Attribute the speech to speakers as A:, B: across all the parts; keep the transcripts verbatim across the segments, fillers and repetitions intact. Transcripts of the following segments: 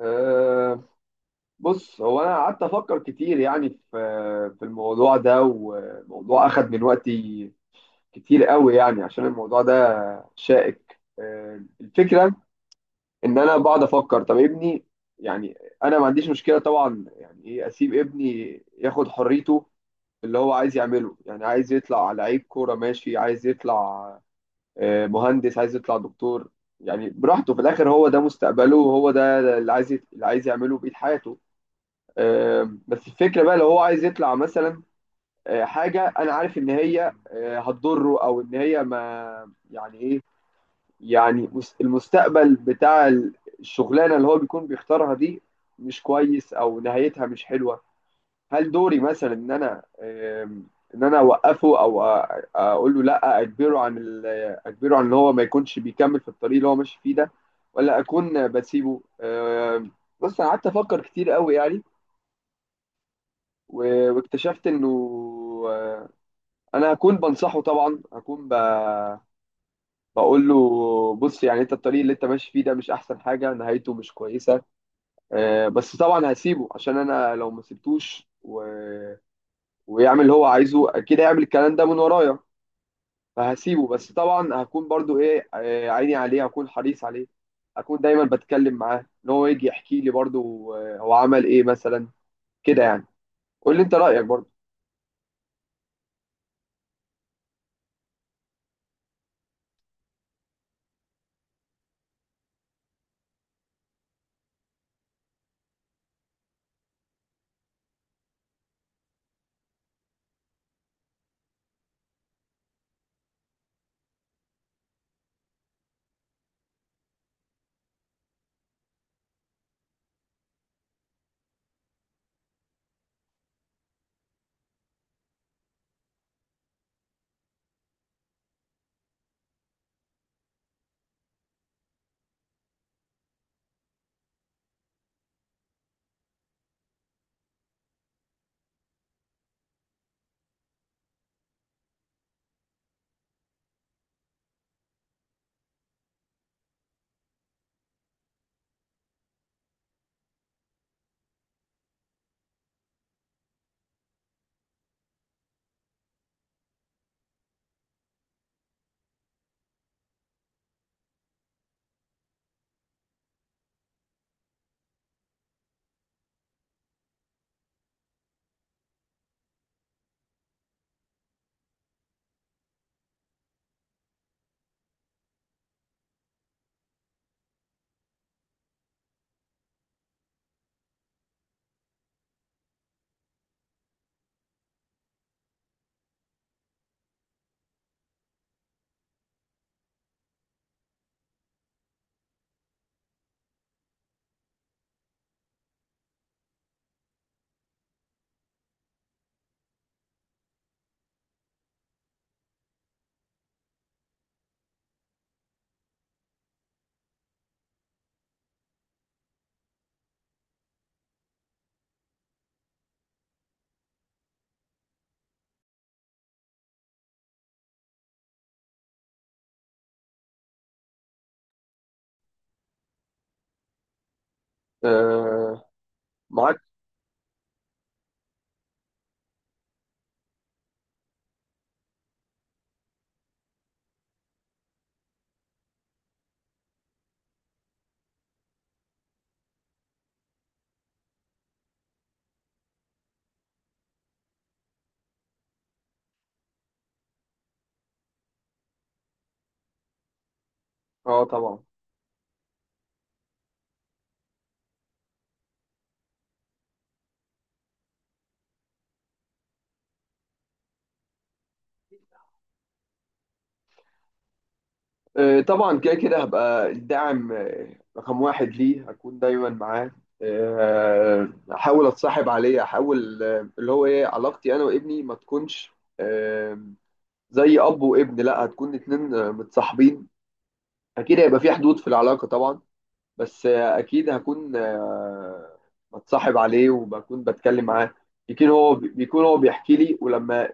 A: أه بص، هو انا قعدت افكر كتير يعني في في الموضوع ده، وموضوع اخد من وقتي كتير قوي يعني عشان الموضوع ده شائك. أه الفكره ان انا بقعد افكر، طب ابني، يعني انا ما عنديش مشكله طبعا، يعني ايه اسيب ابني ياخد حريته اللي هو عايز يعمله؟ يعني عايز يطلع لعيب كوره ماشي، عايز يطلع أه مهندس، عايز يطلع دكتور، يعني براحته. في الاخر هو ده مستقبله، وهو ده اللي عايز اللي عايز يعمله بقية حياته. آه، بس الفكره بقى لو هو عايز يطلع مثلا آه، حاجه انا عارف ان هي آه، هتضره، او ان هي ما يعني ايه، يعني مس- المستقبل بتاع الشغلانه اللي هو بيكون بيختارها دي مش كويس، او نهايتها مش حلوه. هل دوري مثلا ان انا آم، ان انا اوقفه، او أ- اقول له لا، اجبره عن ال- اجبره عن ان هو ما يكونش بيكمل في الطريق اللي هو ماشي فيه ده، ولا اكون بسيبه آم، بص، انا قعدت افكر كتير قوي يعني و- واكتشفت انه آه، انا هكون بنصحه طبعا، هكون ب... بقول له، بص يعني انت الطريق اللي انت ماشي فيه ده مش احسن حاجه، نهايته مش كويسه. آه، بس طبعا هسيبه، عشان انا لو ما سبتوش و... ويعمل اللي هو عايزه اكيد هيعمل الكلام ده من ورايا. فهسيبه، بس طبعا هكون برضو ايه، آه، عيني عليه، هكون حريص عليه، هكون دايما بتكلم معاه ان هو يجي يحكي لي برضو آه، هو عمل ايه مثلا كده يعني. قول لي انت رايك برضو. آه، معاك. اه، طبعا. آه، طبعا كده كده هبقى الداعم آه، رقم واحد ليه، هكون دايما معاه، آه، احاول اتصاحب عليه، احاول آه، اللي هو ايه، علاقتي انا وابني ما تكونش آه، زي اب وابن، لا هتكون اتنين آه، متصاحبين. اكيد هيبقى في حدود في العلاقة طبعا، بس آه، اكيد هكون آه، بتصاحب عليه وبكون بتكلم معاه. يمكن هو بيكون هو بيحكي لي، ولما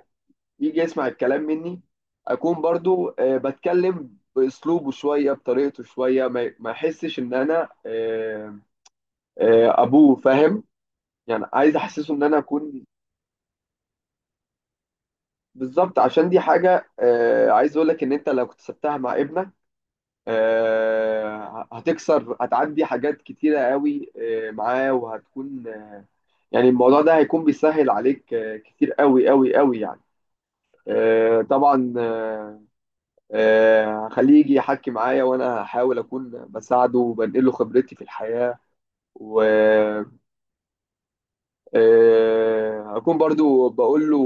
A: يجي يسمع الكلام مني اكون برضو آه، بتكلم باسلوبه شويه، بطريقته شويه، ما ما يحسش ان انا آه، آه، ابوه فاهم يعني. عايز احسسه ان انا اكون بالظبط، عشان دي حاجه آه، عايز اقول لك ان انت لو كنت سبتها مع ابنك آه، هتكسر، هتعدي حاجات كتيره قوي آه، معاه، وهتكون يعني الموضوع ده هيكون بيسهل عليك آه، كتير قوي قوي قوي يعني. آه، طبعا. آه، آه، هخليه يجي يحكي معايا، وانا هحاول اكون بساعده وبنقله خبرتي في الحياة، و آه، اكون برضو بقول له،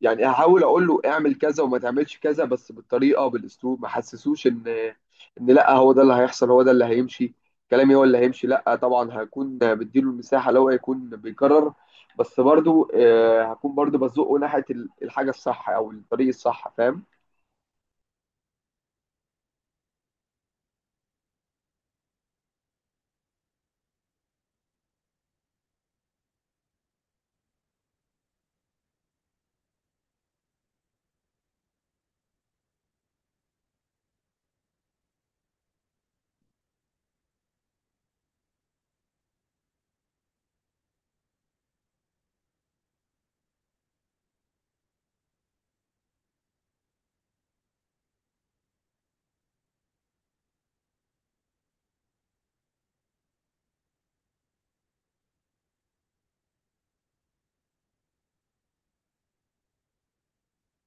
A: يعني هحاول اقول له اعمل كذا وما تعملش كذا، بس بالطريقة بالاسلوب ما حسسوش ان ان لا هو ده اللي هيحصل، هو ده اللي هيمشي، كلامي هو اللي هيمشي، لا، طبعا هكون بديله المساحة لو هيكون بيكرر، بس برضو آه، هكون برضو بزقه ناحية الحاجة الصح او الطريق الصح، فاهم؟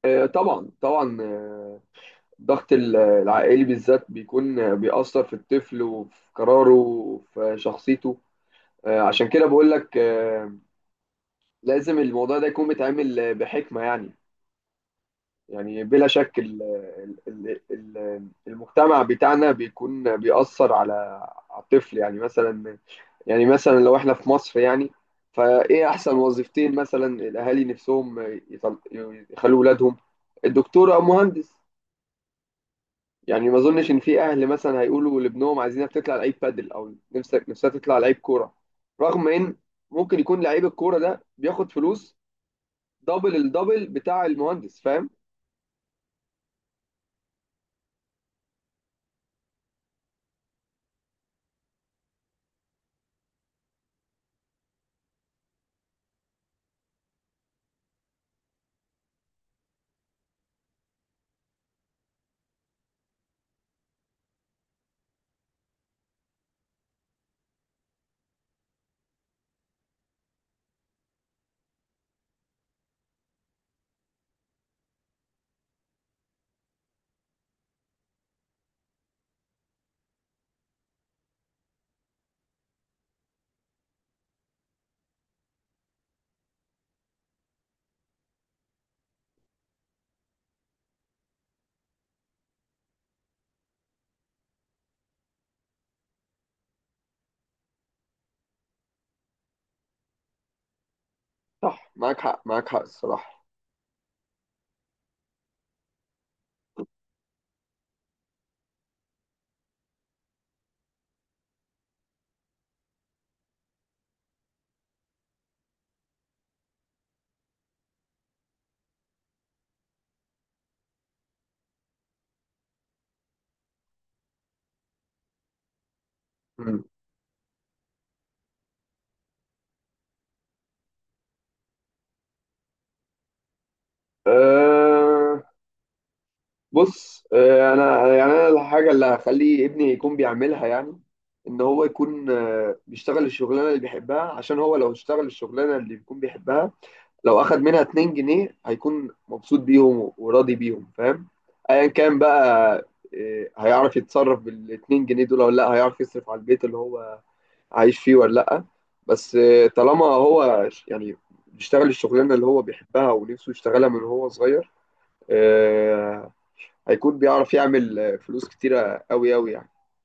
A: آه، طبعا طبعا. آه، الضغط ال- العائلي بالذات بيكون بيأثر في الطفل وفي قراره وفي شخصيته. آه، عشان كده بقول لك، آه، لازم الموضوع ده يكون متعامل آه، بحكمة يعني. يعني بلا شك ال- ال- ال- ال- المجتمع بتاعنا بيكون بيأثر على على الطفل. يعني مثلا، يعني مثلا لو احنا في مصر يعني، فايه احسن وظيفتين؟ مثلا الاهالي نفسهم يطل- يخلوا ولادهم الدكتور او مهندس. يعني ما اظنش ان في اهل مثلا هيقولوا لابنهم عايزينك تطلع لعيب بادل، او نفسك نفسها تطلع لعيب كوره، رغم ان ممكن يكون لعيب الكوره ده بياخد فلوس دبل الدبل بتاع المهندس، فاهم؟ صح، معاك حق، معاك حق الصراحه. مم. أه. بص، أه انا يعني انا الحاجه اللي هخلي ابني يكون بيعملها، يعني ان هو يكون أه بيشتغل الشغلانه اللي بيحبها، عشان هو لو اشتغل الشغلانه اللي بيكون بيحبها، لو اخد منها اتنين جنيه هيكون مبسوط بيهم وراضي بيهم، فاهم؟ ايا كان بقى، إيه، هيعرف يتصرف بالاتنين جنيه دول ولا لا، هيعرف يصرف على البيت اللي هو عايش فيه ولا لا، بس إيه، طالما هو ش- يعني بيشتغل الشغلانه اللي هو بيحبها ونفسه يشتغلها من هو صغير، إيه، هيكون بيعرف يعمل آه، فلوس كتيره قوي قوي يعني.